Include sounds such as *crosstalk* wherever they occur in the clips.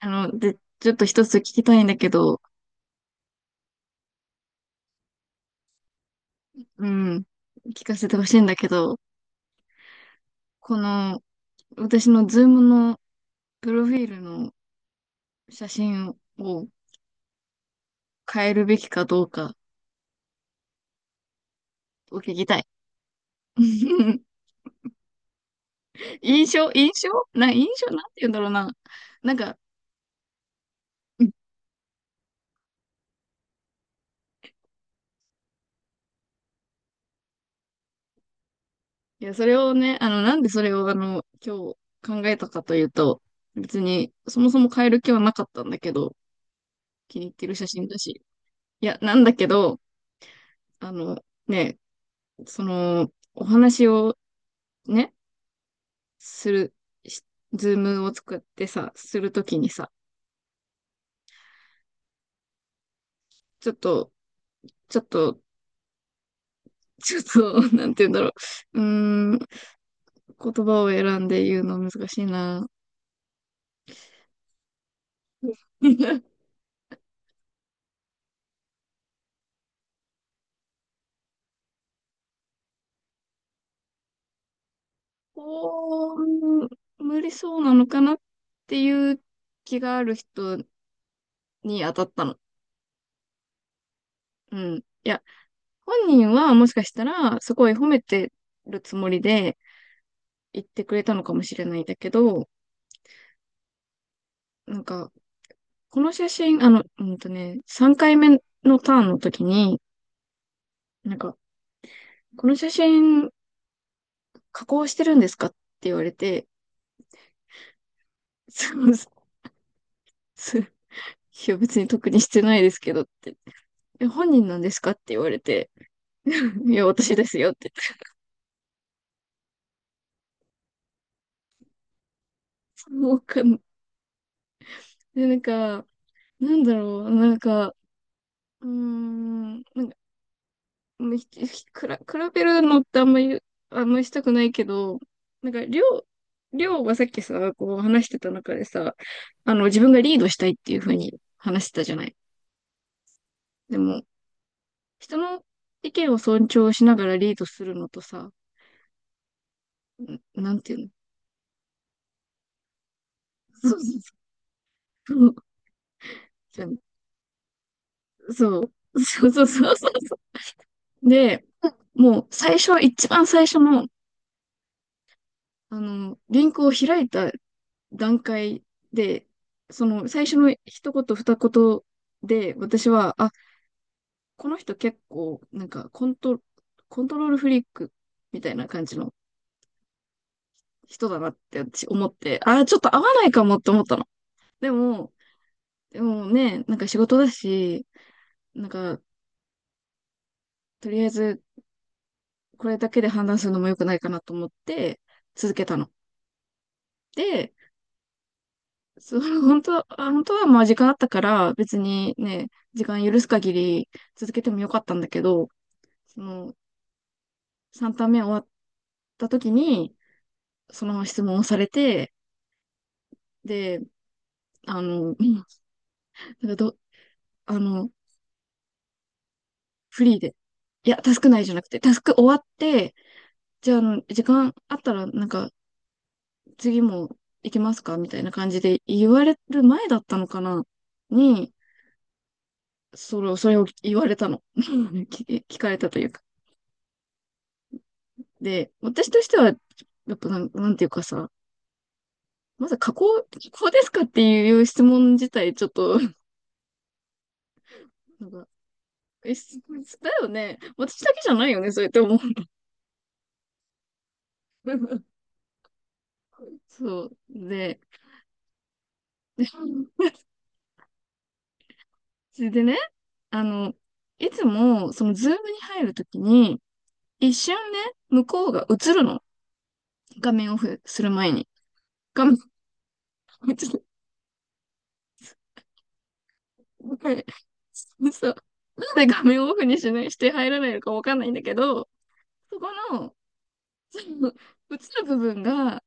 ちょっと一つ聞きたいんだけど、うん、聞かせてほしいんだけど、この、私のズームのプロフィールの写真を変えるべきかどうかを聞きたい。*laughs* 印象なんて言うんだろうな。なんか、うんいや、それをね、なんでそれを今日考えたかというと、別に、そもそも変える気はなかったんだけど、気に入ってる写真だし。いや、なんだけど、あの、ね、その、お話をね、する、しズームを作ってさ、するときにさ、ちょっと、ちょっと、ちょっと、*laughs* なんて言うんだろう。うーん、言葉を選んで言うの難しいな。*laughs* こう、無理そうなのかなっていう気がある人に当たったの。うん。いや、本人はもしかしたら、すごい褒めてるつもりで言ってくれたのかもしれないんだけど、なんか、この写真、3回目のターンの時に、なんか、この写真加工してるんですかって言われて、そう、いや別に特にしてないですけどって。え、本人なんですかって言われて、*laughs* いや、私ですよって。もうわかん、で、なんか、なんだろう、なんか、うーん、なんかむひひくら、比べるのってあんまり、あんまりしたくないけど、なんか、りょう、りょうはさっきさ、こう話してた中でさ、あの、自分がリードしたいっていうふうに話してたじゃない。でも、人の意見を尊重しながらリードするのとさ、んなんていうの、そうそう、 *laughs* そう。そうそうそうそうそで、もう最初、一番最初の、あの、リンクを開いた段階で、その最初の一言二言で、私は、あ、この人結構、コントロールフリークみたいな感じの人だなって私思って、あー、ちょっと合わないかもって思ったの。でも、でもね、なんか仕事だし、なんか、とりあえずこれだけで判断するのも良くないかなと思って続けたの。で、その本当は、あ本当はまあ時間あったから別にね、時間許す限り続けてもよかったんだけど、その、3ターン目終わった時に、そのまま質問をされて、で、あの、なんかど、あの、フリーで。いや、タスク内じゃなくて、タスク終わって、じゃあ、あの、時間あったら、なんか、次も行きますかみたいな感じで言われる前だったのかなに、それを言われたの。*laughs* 聞かれたというか。で、私としては、やっぱなん、なんていうかさ、まず加工、加工ですかっていう質問自体、ちょっと、なんか、え、すだよね。私だけじゃないよね、そうやって思う。*laughs* そう。で *laughs* それでね、あの、いつも、そのズームに入るときに、一瞬ね、向こうが映るの。画面オフする前に。画面、*laughs* ちょっと、これそうそう。なんで画面オフにしない、して入らないのかわかんないんだけど、そこの、その、映る部分が、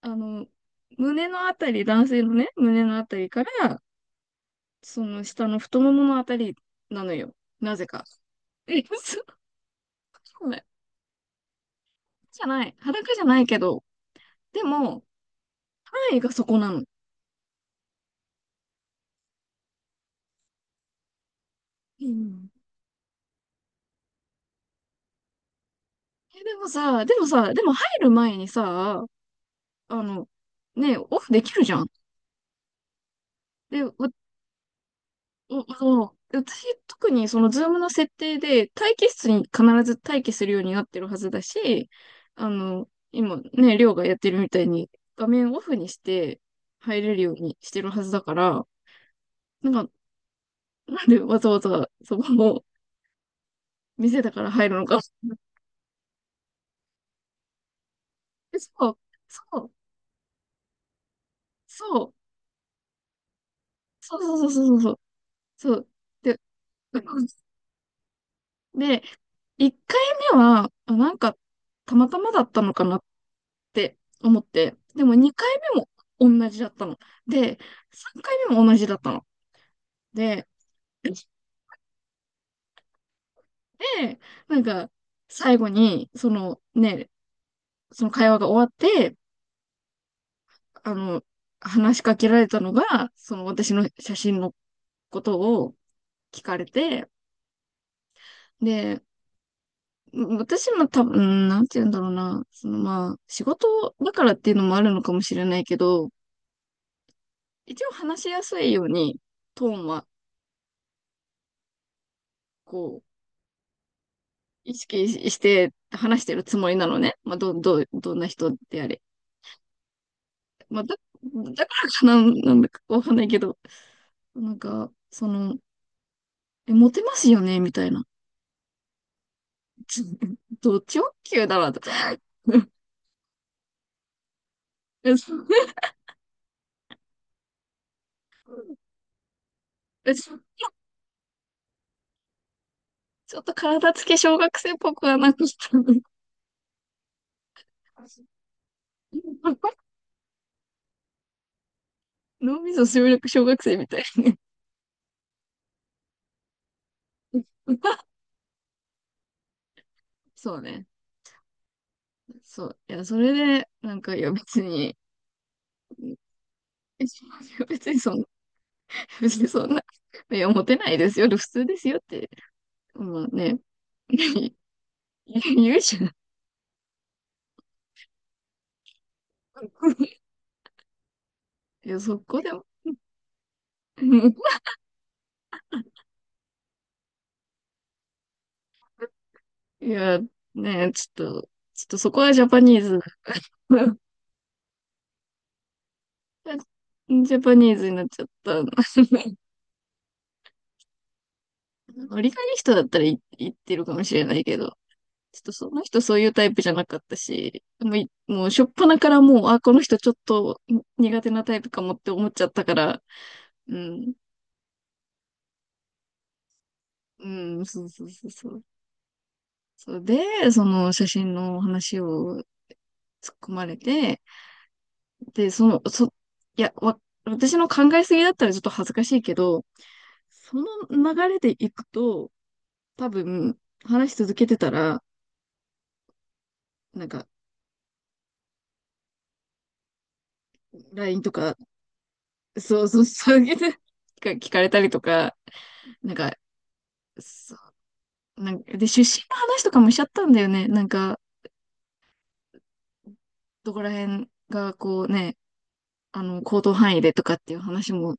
あの、胸のあたり、男性のね、胸のあたりから、その下の太もものあたりなのよ。なぜか。え、*laughs* 嘘、そうだ。じゃない。裸じゃないけど。でも、範囲がそこなの。うん。え、でもさ、でもさ、でも入る前にさ、あの、ね、オフできるじゃん。で、あの、私、特にそのズームの設定で待機室に必ず待機するようになってるはずだし、あの、今ね、りょうがやってるみたいに画面オフにして入れるようにしてるはずだから、なんかなんでわざわざそこの店だから入るのか。*laughs* そう、そう、そう、そうそうそうそうそう、そう。で、*laughs* で、1回目は、あ、なんか、たまたまだったのかなって思って、でも2回目も同じだったの。で、3回目も同じだったの。で、で、なんか、最後に、そのね、その会話が終わって、あの、話しかけられたのが、その私の写真のことを聞かれて、で、私も多分、なんて言うんだろうな、そのまあ、仕事だからっていうのもあるのかもしれないけど、一応話しやすいように、トーンは、こう、意識して話してるつもりなのね。まあ、どんな人であれ。まあ、だからかな、なんだかわかんないけど、なんか、その、え、モテますよね、みたいな。ち、ド直球だわ、とか。*laughs* ちょっと体つき小学生っぽくはなくしたね。*laughs* 脳みそ集力小学生みたい。*laughs* そうね。そう。いや、それで、なんか、いや、別に、別にそんな、別にそんな、いや、モテないですよ、普通ですよって、まあね、*laughs* 言うじゃん。いや、そこでも、*laughs* いや、ね、ちょっとそこはジャパニーズ、 *laughs* ジャパニーズになっちゃった。*laughs* 折り返し人だったらい言ってるかもしれないけど、ちょっとその人そういうタイプじゃなかったし、もう初っ端からもう、あ、この人ちょっと苦手なタイプかもって思っちゃったから、うん、うん、そうそうそうそう。そうで、その写真の話を突っ込まれて、で、その、そ、いや、わ、私の考えすぎだったらちょっと恥ずかしいけど、その流れでいくと、多分、話し続けてたら、なんか、LINE とか、そうそう、そういうのが聞かれたりとか、なんか、そなんかで、出身の話とかもしちゃったんだよね。なんか、どこら辺がこうね、あの、行動範囲でとかっていう話も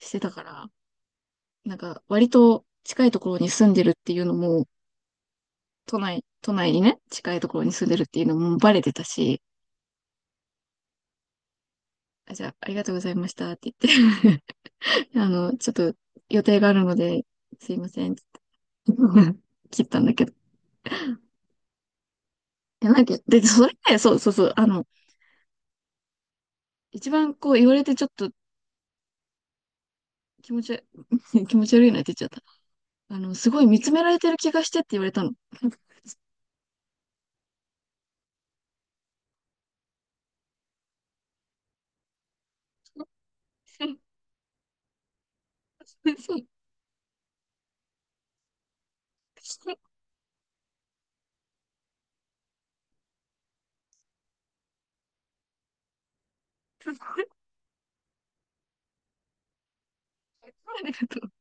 してたから、なんか、割と近いところに住んでるっていうのも、都内にね、近いところに住んでるっていうのもバレてたし、あ、じゃあ、ありがとうございましたって言って *laughs* あの、ちょっと予定があるので、すいません。*laughs* 切ったんだけど。いやなんか、で、それね、そうそうそう、あの、一番こう言われてちょっと気持ち悪い、*laughs* 気持ち悪いなって言っちゃった。あの、すごい見つめられてる気がしてって言われたの。*laughs* そうそうそう、ありがとう。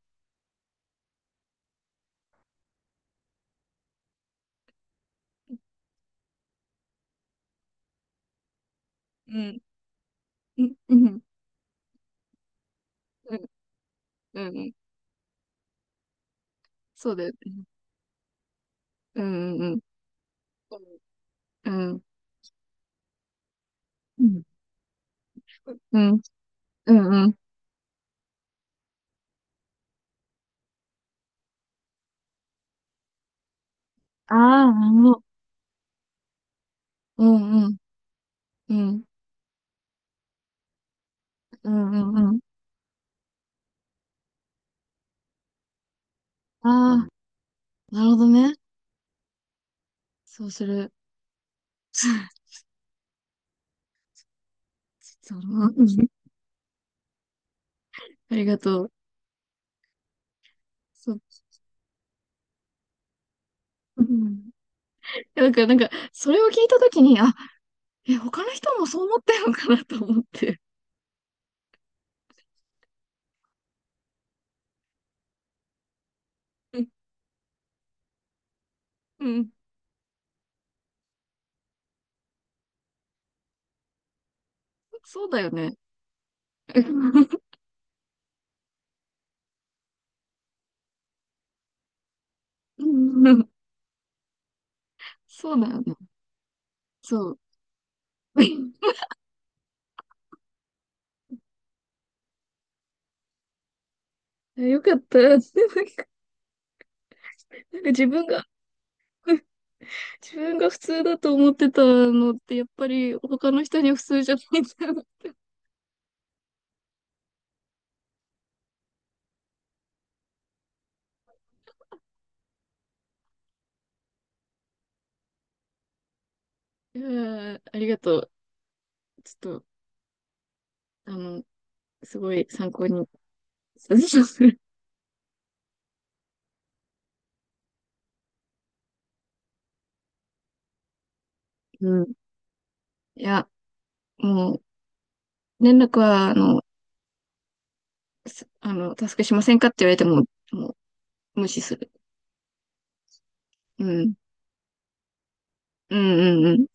ん、うん、うん、うん、うん、うん、そうだよね。うん、うん、うん、うん、うん、うん、うん、うん。ああ、もう、うん、うん、うん、うん、うん、うん。ああ、なるほどね。そうする。*laughs* そう、うん、ありがとう。そう、うん。なんか、なんか、それを聞いたときに、あ、え、他の人もそう思ってるのかなと思って。うん、うん、そうだよね。うん、うん、そうだよね。そう。*laughs* よかった。なんか自分が、自分が普通だと思ってたのって、やっぱり他の人には普通じゃないんだ。いやー、ありがとう。ちょっと、あの、すごい参考にさせてください。うん。いや、もう、連絡は、あの、タスクしませんかって言われても、もう無視する。うん。うんうんうん。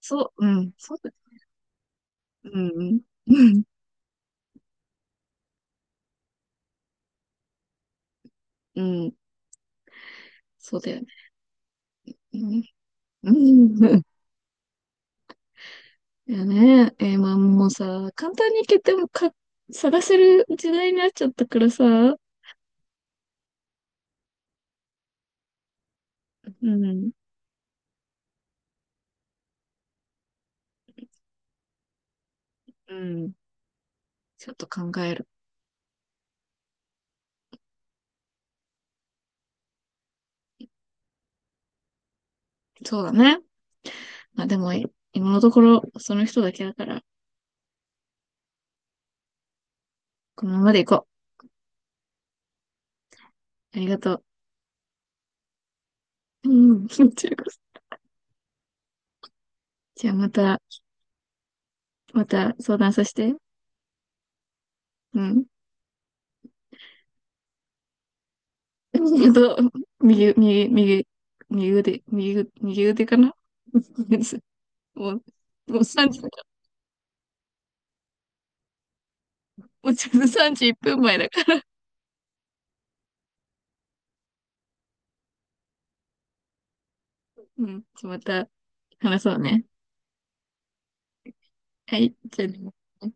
そう、うん。そうだ。うんうん。うん。うん。そうだよね。うん。うん。いやね。えーまあもうさ、簡単に決てもか、探せる時代になっちゃったからさ。うん。うん。ちょっと考える。そうだね。まあでも、今のところ、その人だけだから、このままで行こう。ありがとう。うん。*laughs* こちらこそ。じゃあまた、また相談させて。うん。*laughs* と、右、右腕かな。 *laughs* もう、もう3時だから、もうちょうどさんじいっと31分前だから。うん。じゃあまた話そうね。はい。じゃあね。